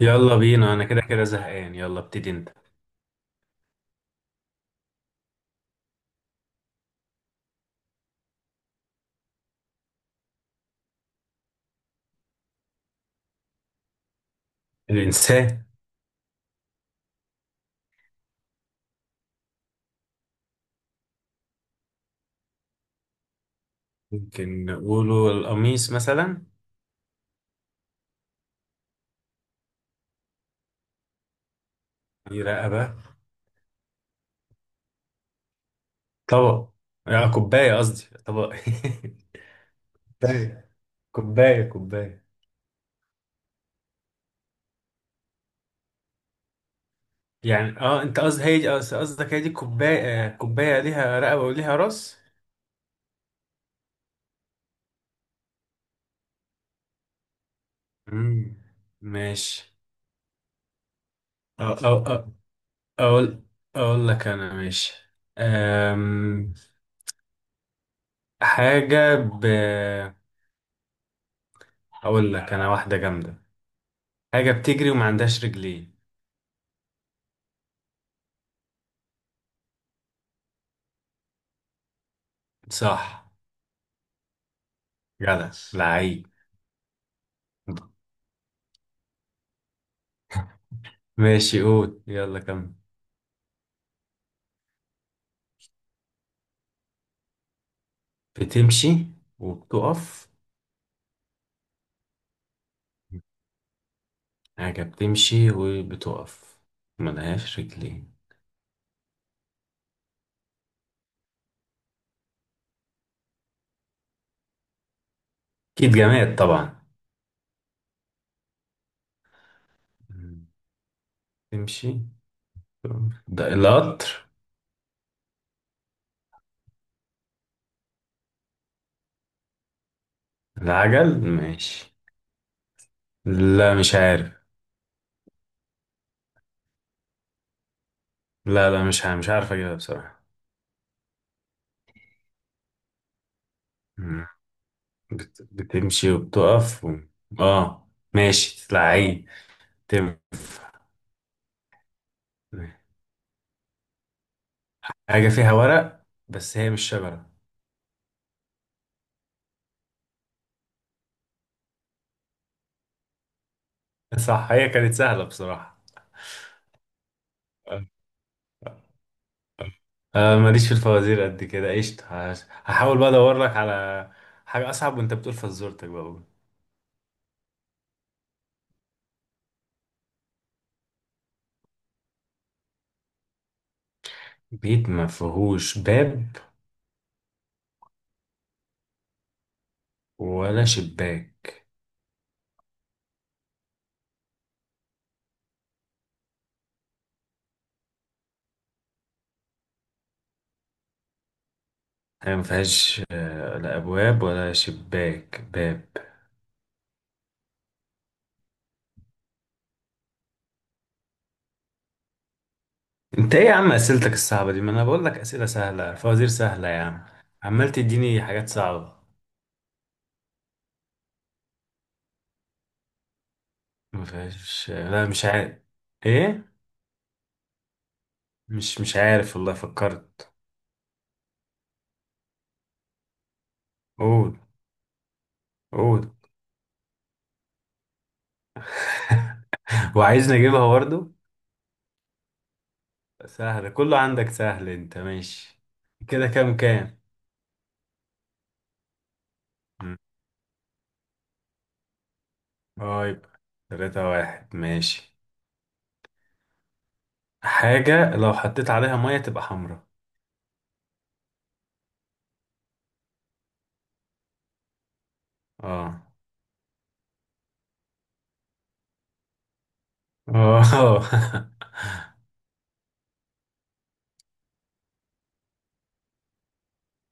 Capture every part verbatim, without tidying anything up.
يلا بينا، انا كده كده زهقان. يلا ابتدي انت. الانسان. ممكن نقوله القميص مثلا. دي رقبه. طبق. آه، كوبايه قصدي طبق. كوبايه. كوبايه كوبايه. يعني اه انت قصدك هي دي قص- قصدك هي دي كوبايه، آه، كوبايه ليها رقبه وليها راس. امم ماشي. أو أو أو اقول اقول لك انا. ماشي. أم... حاجه ب اقول لك انا واحده جامده. حاجه بتجري وما عندهاش رجلين. صح. جدع لعيب. ماشي، قول يلا كمل. بتمشي وبتقف. حاجة بتمشي وبتقف، ملهاش رجلين. أكيد جماد طبعا. تمشي. ده القطر. العجل ماشي. لا مش عارف. لا، لا، مش عارف، مش عارف أجيبها بصراحة. مم. بت... بتمشي وبتقف و... اه ماشي لعيب. تنفع. حاجة فيها ورق بس هي مش شجرة. صح، هي كانت سهلة بصراحة. آه، آه. آه، ماليش في الفوازير قد كده. قشطة، هش- هحاول بقى ادور لك على حاجة اصعب، وانت بتقول فزورتك بقى، قول. بيت ما فيهوش باب؟ ولا شباك؟ هي ما فيهاش آه، لا ابواب ولا شباك، باب. انت ايه يا عم اسئلتك الصعبة دي؟ ما انا بقول لك اسئلة سهلة، فوازير سهلة يا عم. عمال تديني حاجات صعبة. ما فيهاش، لا مش عارف. ايه؟ مش مش عارف، والله فكرت. قول. قول. وعايزني اجيبها برضه. سهلة كله عندك سهل، انت ماشي. كده كام كام. مم. اه يبقى تلاتة واحد، ماشي. حاجة لو حطيت عليها مية تبقى حمرا. اه، اه.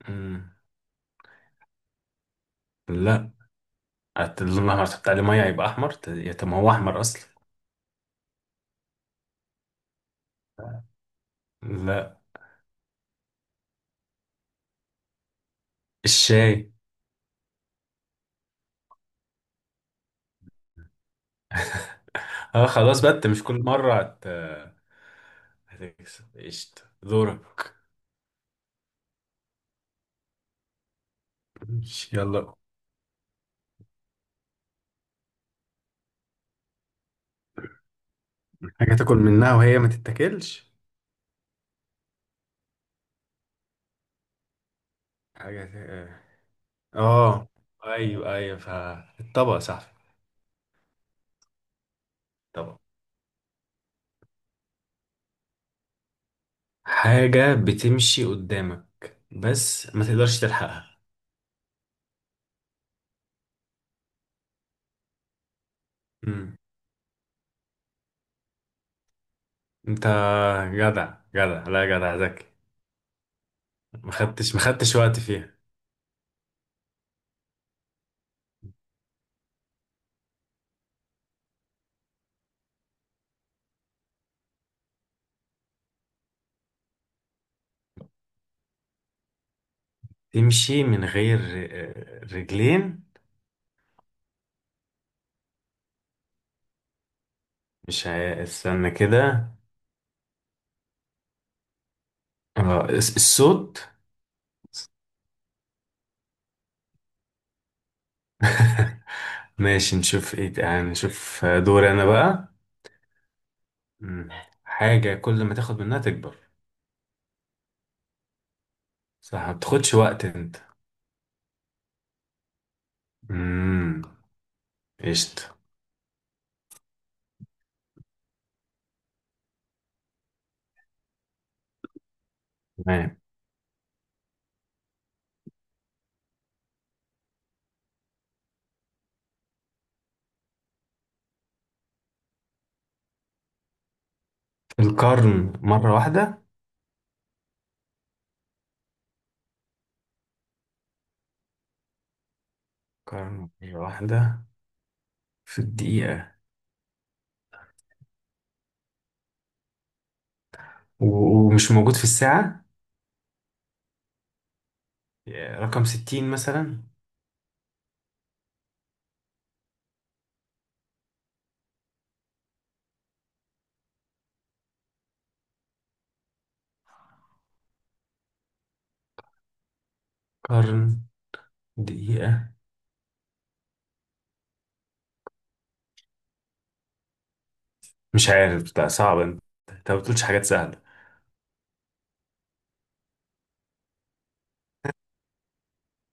مم. لا، قلت لهم لما تحط عليه مية يبقى احمر، ت- يا طب ما هو احمر اصلا. لا. الشاي. اه خلاص بقى، انت مش كل مرة هت... هتكسب. قشطة، دورك. ماشي، يلا. حاجة تاكل منها وهي ما تتاكلش. حاجة. اه، ايوه ايوه، فالطبق صح. الطبق. حاجة بتمشي قدامك، بس ما تقدرش تلحقها. مم. انت جدع جدع، لا، جدع ذكي. ما خدتش ما خدتش وقت فيها. تمشي من غير ر- رجلين. مش هي... استنى كده. آه، الس- الصوت. ماشي، نشوف ايه يعني، نشوف دوري انا بقى. مم. حاجة كل ما تاخد منها تكبر. صح، ما بتاخدش وقت انت. مم. قشطة. تمام. القرن مرة واحدة. قرن مرة واحدة. في الدقيقة. و- ومش موجود في الساعة. يا رقم ستين مثلا؟ قرن. دقيقة. مش عارف، ده صعب انت. انت ما بتقولش حاجات سهلة.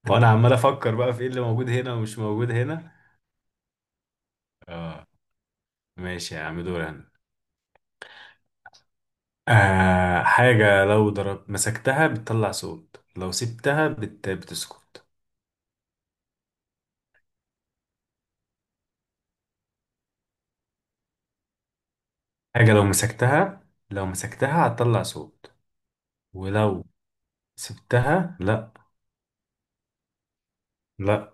وانا عمال افكر بقى في ايه اللي موجود هنا ومش موجود هنا. اه ماشي يا عم، دور انا. آه، حاجة لو ضرب مسكتها بتطلع صوت، لو سبتها بت... بتسكت. حاجة لو مسكتها. لو مسكتها هتطلع صوت. ولو سبتها لا. لا.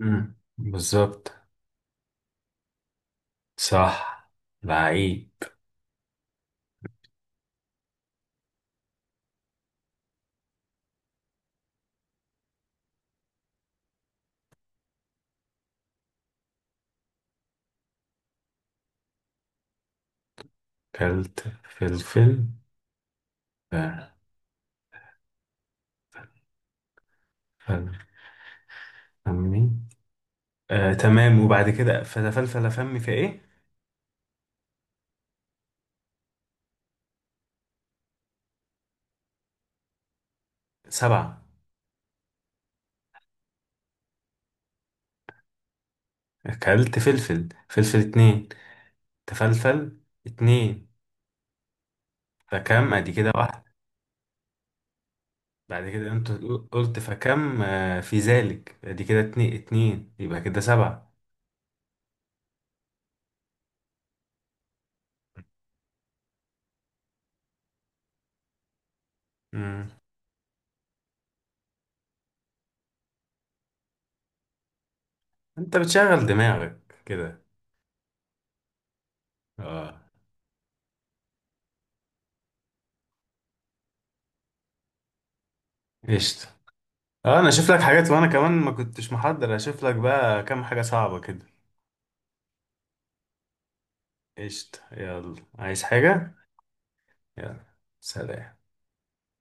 مم. بالظبط. صح. لعيب. كلت فلفل فلفل فمي. آه تمام، وبعد كده فتفلفل فمي في ايه؟ سبعة. اكلت فلفل، فلفل اتنين. تفلفل اتنين. فكم ادي كده واحد. بعد كده انت قل- قلت فكم، آه في ذلك ادي كده اتنين، اتنين، يبقى كده سبعة. مم. انت بتشغل دماغك كده. اه. قشطة، اه انا اشوف لك حاجات، وانا كمان ما كنتش محضر. اشوف لك بقى كام حاجة صعبة كده. قشطة، يلا عايز حاجة. يلا. سلام.